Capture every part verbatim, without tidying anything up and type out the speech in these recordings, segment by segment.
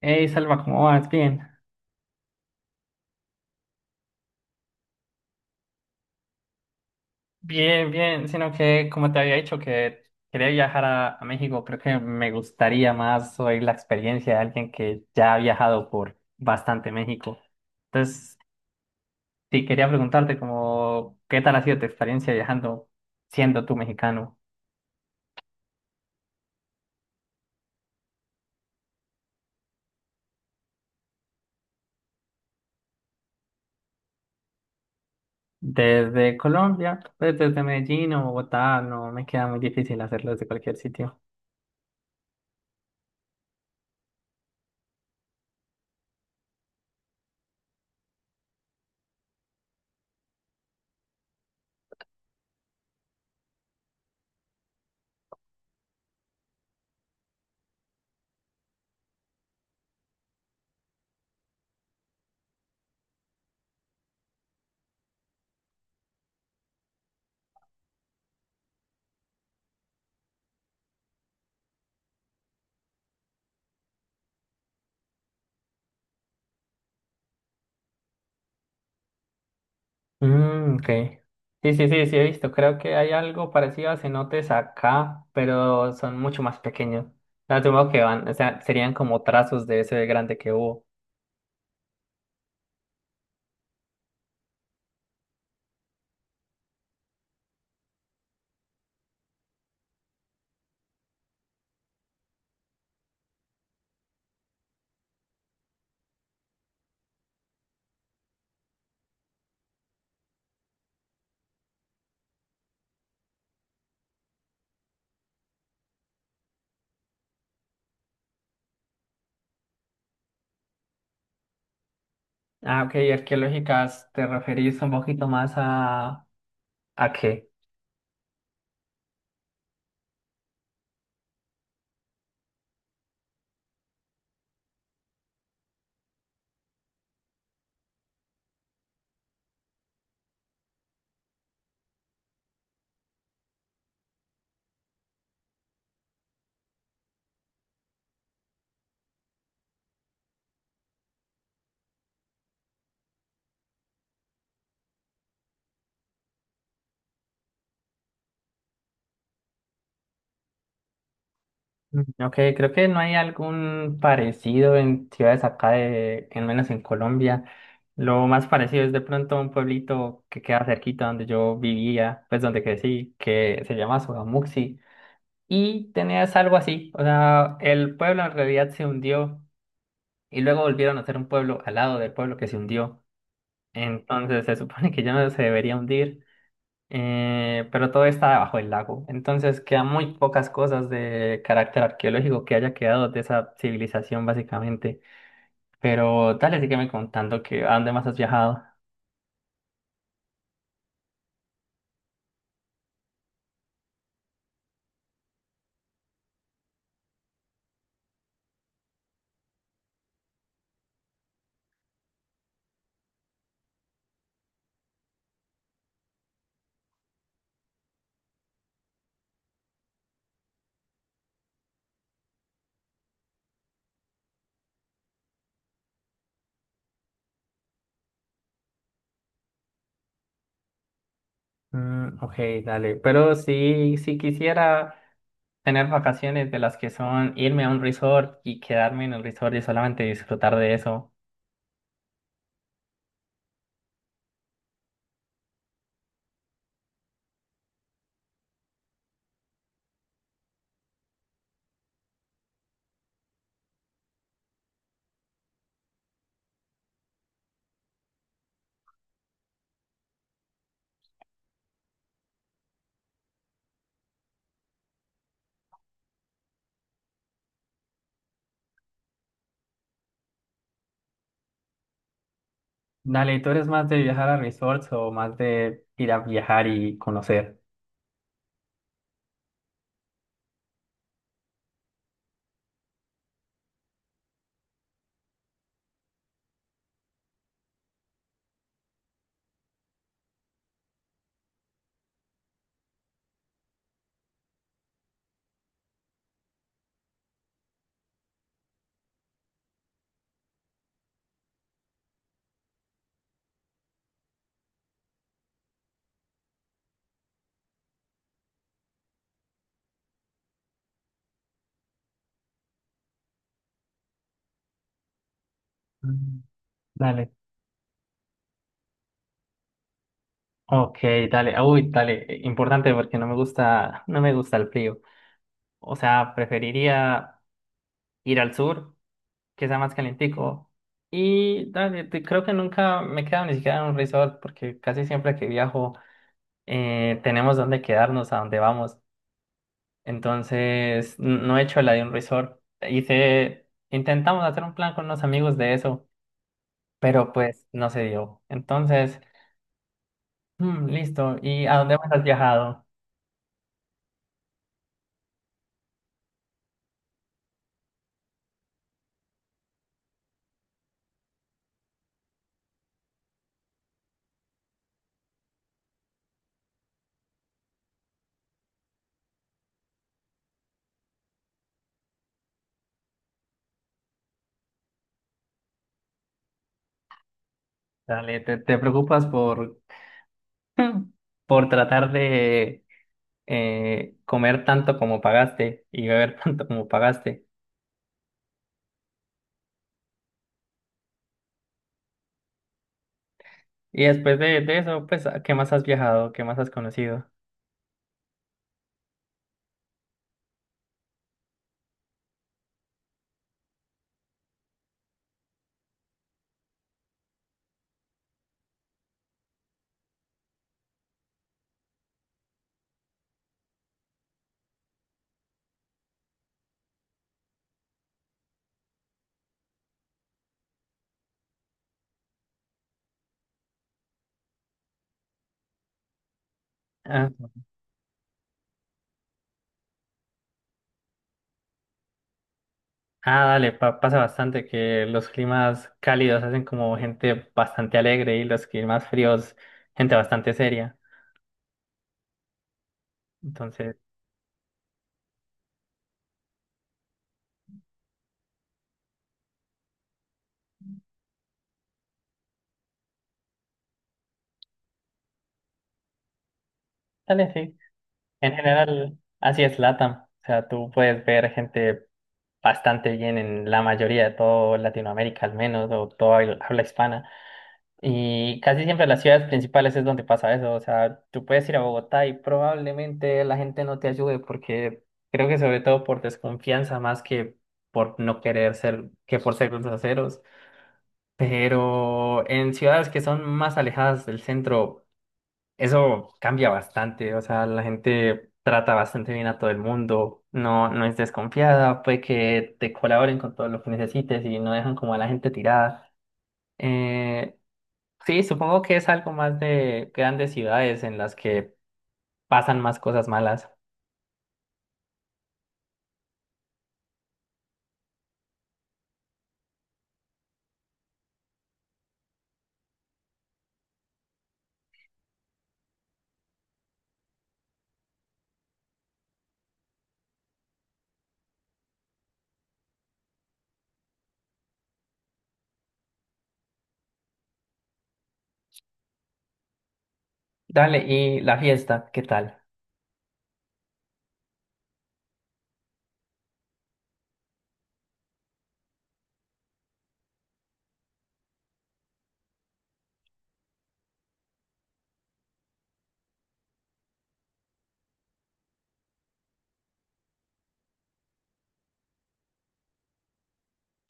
Hey, Salva, ¿cómo vas? Bien. Bien, bien, sino que como te había dicho que quería viajar a, a México, creo que me gustaría más oír la experiencia de alguien que ya ha viajado por bastante México. Entonces, sí, quería preguntarte como, ¿qué tal ha sido tu experiencia viajando siendo tú mexicano? Desde Colombia, pues desde Medellín o Bogotá, no me queda muy difícil hacerlo desde cualquier sitio. Mm, ok. Sí, sí, sí, sí, he visto. Creo que hay algo parecido a cenotes acá, pero son mucho más pequeños. No, asumo que van, o sea, serían como trazos de ese grande que hubo. Ah, ok, y arqueológicas, ¿te referís un poquito más a... ¿a qué? Mm, ok, creo que no hay algún parecido en ciudades acá, de, en menos en Colombia. Lo más parecido es de pronto un pueblito que queda cerquita donde yo vivía, pues donde crecí, que se llama Sogamuxi. Y tenías algo así, o sea, el pueblo en realidad se hundió y luego volvieron a ser un pueblo al lado del pueblo que se hundió. Entonces se supone que ya no se debería hundir, eh, pero todo está debajo del lago. Entonces quedan muy pocas cosas de carácter arqueológico que haya quedado de esa civilización básicamente. Pero dale, sígueme contando que a dónde más has viajado. Mm, ok, dale, pero sí, si quisiera... tener vacaciones de las que son irme a un resort y quedarme en el resort y solamente disfrutar de eso. Dale, ¿tú eres más de viajar a resorts o más de ir a viajar y conocer? Mm. Dale. Ok, dale. Uy, dale. eh, Importante porque no me gusta, no me gusta el frío. O sea, preferiría ir al sur, que sea más calentico. Y dale, te- creo que nunca me he quedado ni siquiera en un resort porque casi siempre que viajo eh, tenemos donde quedarnos, a donde vamos. Entonces, n- no he hecho la de un resort. Hice, intentamos hacer un plan con unos amigos de eso, pero pues no se dio. Entonces, mm, listo. ¿Y a dónde más has viajado? Dale, te, te preocupas por, por tratar de eh, comer tanto como pagaste y beber tanto como pagaste. Y después de, de eso, pues, ¿a ¿qué más has viajado? ¿Qué más has conocido? Ah, dale, pa- pasa bastante que los climas cálidos hacen como gente bastante alegre y los climas fríos, gente bastante seria. Entonces, dale, sí. En general, así es LATAM. O sea, tú puedes ver gente bastante bien en la mayoría de todo Latinoamérica, al menos, o toda habla hispana. Y casi siempre en las ciudades principales es donde pasa eso. O sea, tú puedes ir a Bogotá y probablemente la gente no te ayude porque creo que sobre todo por desconfianza más que por no querer ser, que por ser groseros. Pero en ciudades que son más alejadas del centro, eso cambia bastante. O sea, la gente trata bastante bien a todo el mundo. No, no es desconfiada. Puede que te colaboren con todo lo que necesites y no dejan como a la gente tirada. Eh, Sí, supongo que es algo más de grandes ciudades en las que pasan más cosas malas. Dale, y la fiesta, ¿qué tal?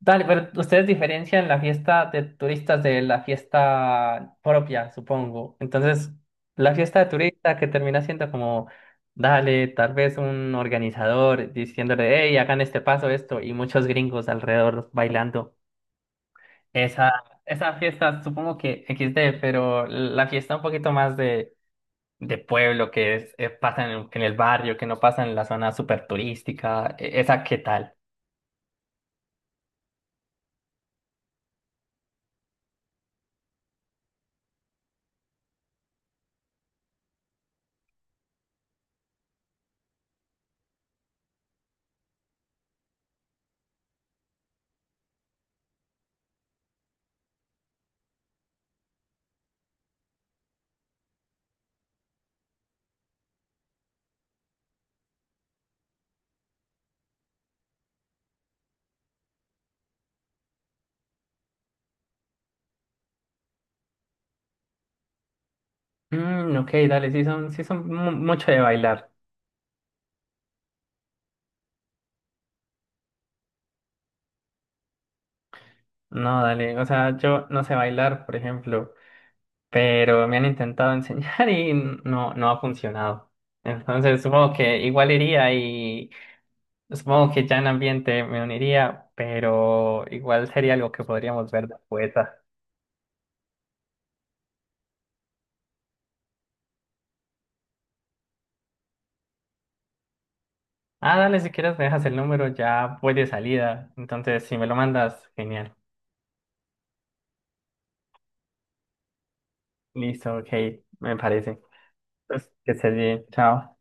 Dale, pero ustedes diferencian la fiesta de turistas de la fiesta propia, supongo. Entonces, la fiesta de turista que termina siendo como, dale, tal vez un organizador diciéndole, hey, hagan este paso, esto, y muchos gringos alrededor bailando. Esa, esa fiesta, supongo que equis de, pero la fiesta un poquito más de de pueblo que es, eh, pasan en, el, en el barrio, que no pasan en la zona súper turística. e- ¿Esa qué tal? Mm, ok, dale, sí son, sí son mu- mucho de bailar. No, dale, o sea, yo no sé bailar, por ejemplo, pero me han intentado enseñar y no, no ha funcionado. Entonces supongo que igual iría y supongo que ya en ambiente me uniría, pero igual sería algo que podríamos ver después. Ah, dale, si quieres me dejas el número, ya voy de salida. Entonces, si me lo mandas, genial. Listo, ok, me parece. Pues que estés bien, chao.